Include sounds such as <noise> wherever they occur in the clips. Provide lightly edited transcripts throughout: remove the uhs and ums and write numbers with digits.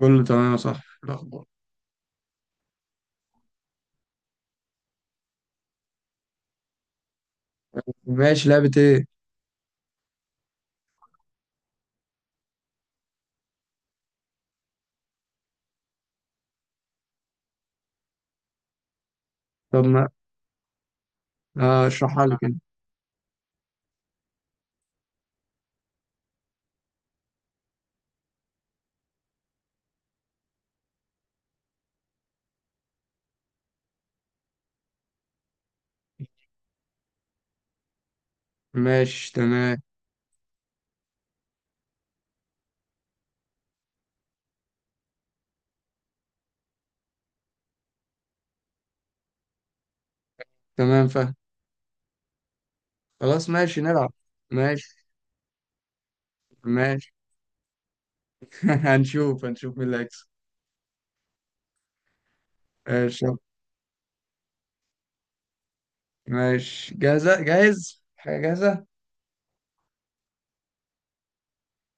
كله تمام يا صاحبي، إيه الأخبار؟ ماشي. لعبة إيه؟ طب ما اشرحها لي كده. ماشي، تمام. تمام، فاهم. خلاص، ماشي، نلعب. ماشي، ماشي. <laughs> هنشوف هنشوف مين اللي هيكسب. ماشي، يلا. ماشي. جاهز، حاجة جاهزة.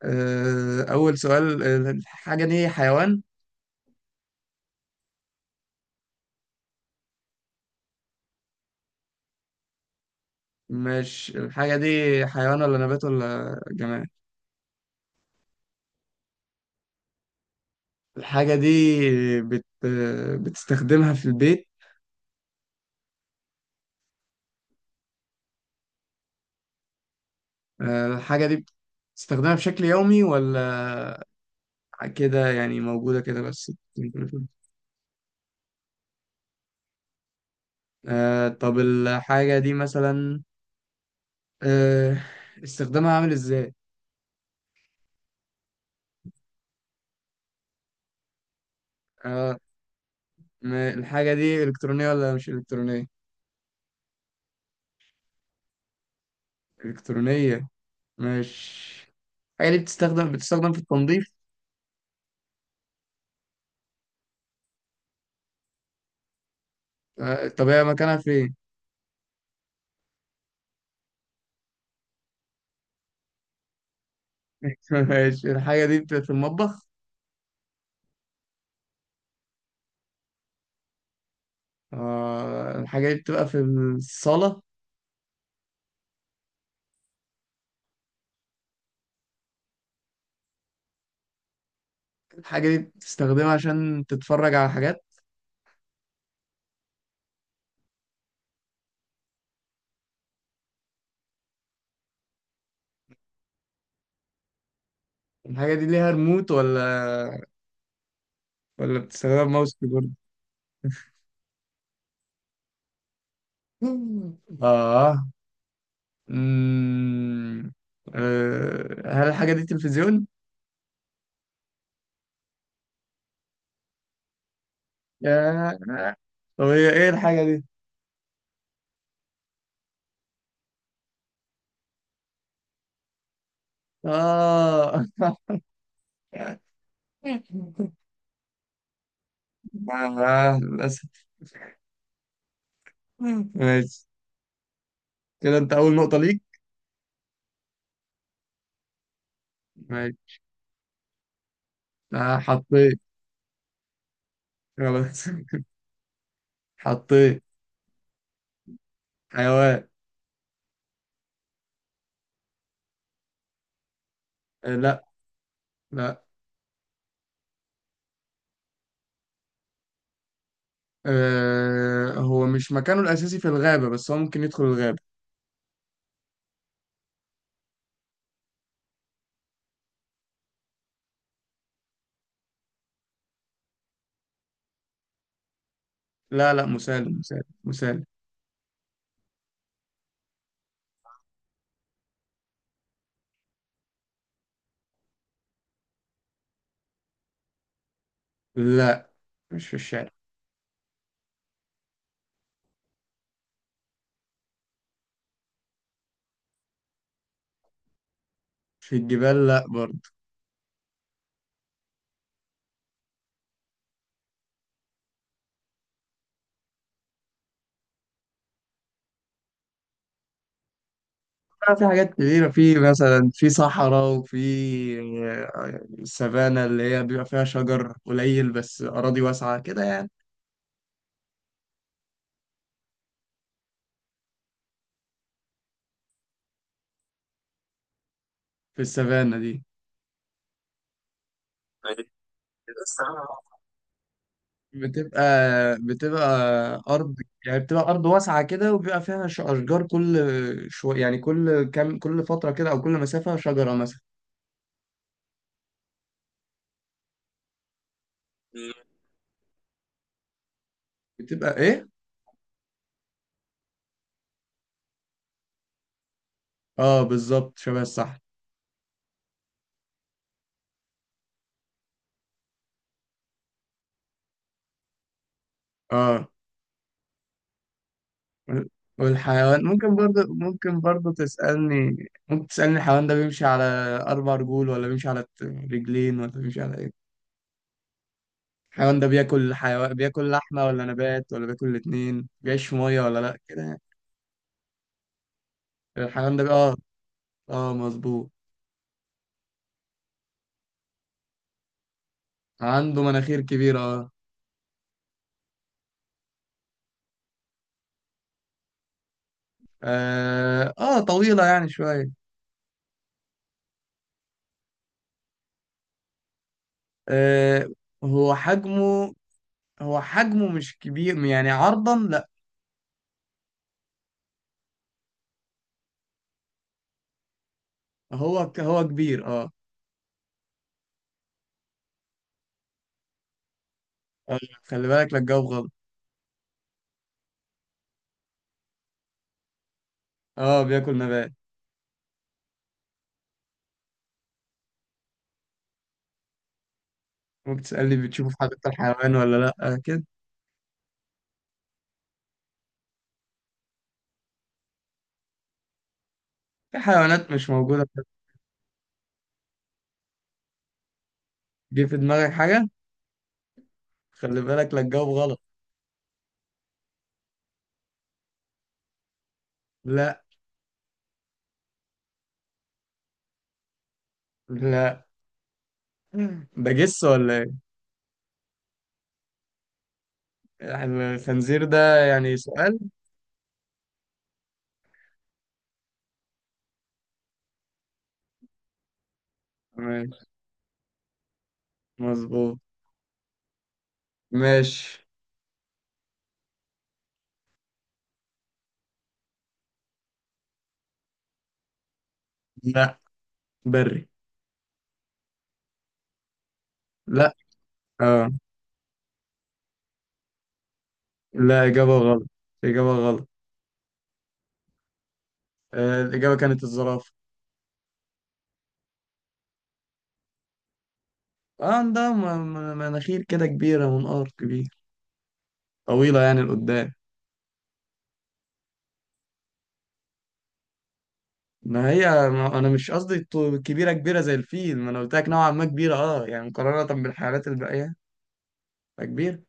أول سؤال. الحاجة دي حيوان؟ مش الحاجة دي. حيوان ولا نبات ولا جماد؟ الحاجة دي بت... آه، بتستخدمها في البيت؟ الحاجة دي بتستخدمها بشكل يومي، ولا كده يعني موجودة كده بس؟ طب الحاجة دي مثلا، آه استخدامها عامل ازاي؟ آه الحاجة دي إلكترونية ولا مش إلكترونية؟ إلكترونية. مش. الحاجة دي بتستخدم في التنظيف؟ طب هي مكانها فين؟ <laughs> ماشي، الحاجة دي بتبقى في المطبخ؟ الحاجة دي بتبقى في الصالة؟ الحاجة دي بتستخدمها عشان تتفرج على حاجات؟ الحاجة دي ليها ريموت، ولا بتستخدمها بماوس كيبورد؟ اه. مم. هل الحاجة دي تلفزيون؟ ياه! طب هي ايه الحاجة دي؟ اه. <laughs> للأسف. ماشي. كده انت أول نقطة ليك. ماشي. حطيت. خلاص. <laughs> حطيت. حيوان. لا. لا. هو مش مكانه الأساسي في الغابة، بس هو ممكن يدخل الغابة. لا، لا، مسالم مسالم مسالم. لا، مش في الشارع. في الجبال، لا برضه. بقى في حاجات كتيرة، في مثلا، في صحراء وفي السافانا اللي هي بيبقى فيها شجر قليل، بس أراضي واسعة كده يعني. في السافانا دي. بتبقى بتبقى أرض، يعني بتبقى أرض واسعة كده، وبيبقى فيها أشجار كل شوية، يعني كل كام، كل فترة كده، أو كل مسافة شجرة مثلا. بتبقى إيه؟ بالظبط، شبه. الصح. وال- والحيوان ممكن برضه تسألني. ممكن تسألني، الحيوان ده بيمشي على أربع رجول، ولا بيمشي على رجلين، ولا بيمشي على إيه؟ الحيوان ده بياكل لحمة ولا نبات ولا بياكل الاتنين، بيعيش في مية ولا لأ، كده يعني. الحيوان ده اه. اه، مظبوط. عنده مناخير كبيرة، اه. اه. طويلة يعني شوية. آه هو حجمه هو حجمه مش كبير يعني، عرضا لأ. هو كبير، اه. آه، خلي بالك لا تجاوب غلط. اه، بياكل نبات. وبتسألني، بتشوفه في حديقة الحيوان ولا لأ، كده. في حيوانات مش موجودة. جه في دماغك حاجة؟ خلي بالك لا تجاوب غلط. لا. لا، ده جس ولا ايه؟ يعني، الخنزير ده يعني سؤال. ماشي، مظبوط. ماشي. لا، بري. لا. اه. لا، إجابة غلط. إجابة غلط. الإجابة كانت الزرافة. اه، ده مناخير كده كبيرة، منقار كبير، طويلة يعني لقدام. ما هي، ما انا مش قصدي كبيره كبيره زي الفيل، ما انا قلت لك نوعا ما كبيره اه، يعني مقارنه بالحيوانات الباقيه. فكبير.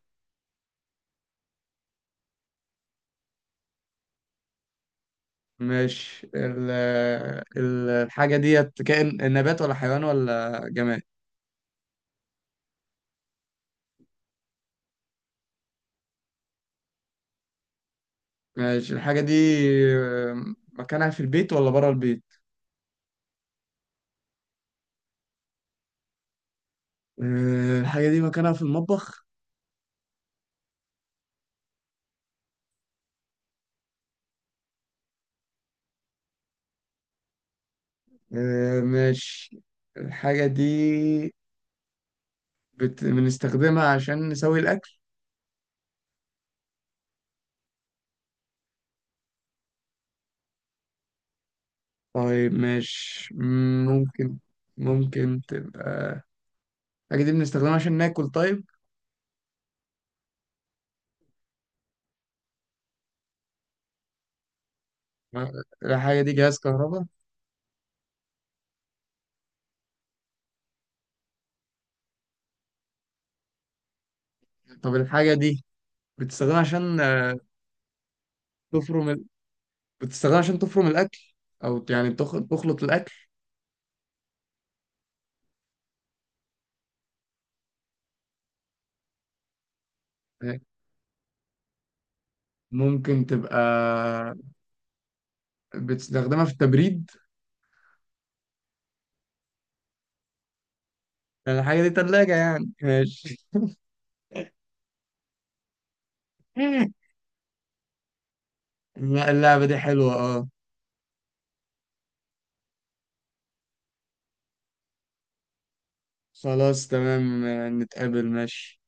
مش ال ال- الحاجه ديت كائن، نبات ولا حيوان ولا جماد؟ ماشي. الحاجه دي، آه، مكانها في البيت ولا بره البيت؟ الحاجه دي مكانها في المطبخ؟ ماشي. الحاجه دي بنستخدمها عشان نسوي الاكل؟ طيب، مش ممكن. ممكن تبقى. الحاجة دي بنستخدمها عشان ناكل؟ طيب. آه، الحاجة دي جهاز كهرباء؟ طب الحاجة دي بتستخدمها عشان تفرم ال... بتستخدمها عشان تفرم الأكل، أو يعني تخلط الأكل. آه، ممكن تبقى بتستخدمها في التبريد؟ الحاجة دي تلاجة يعني؟ ماشي. <laughs> لا، اللعبة دي حلوة، اه. خلاص، تمام. نتقابل، ماشي.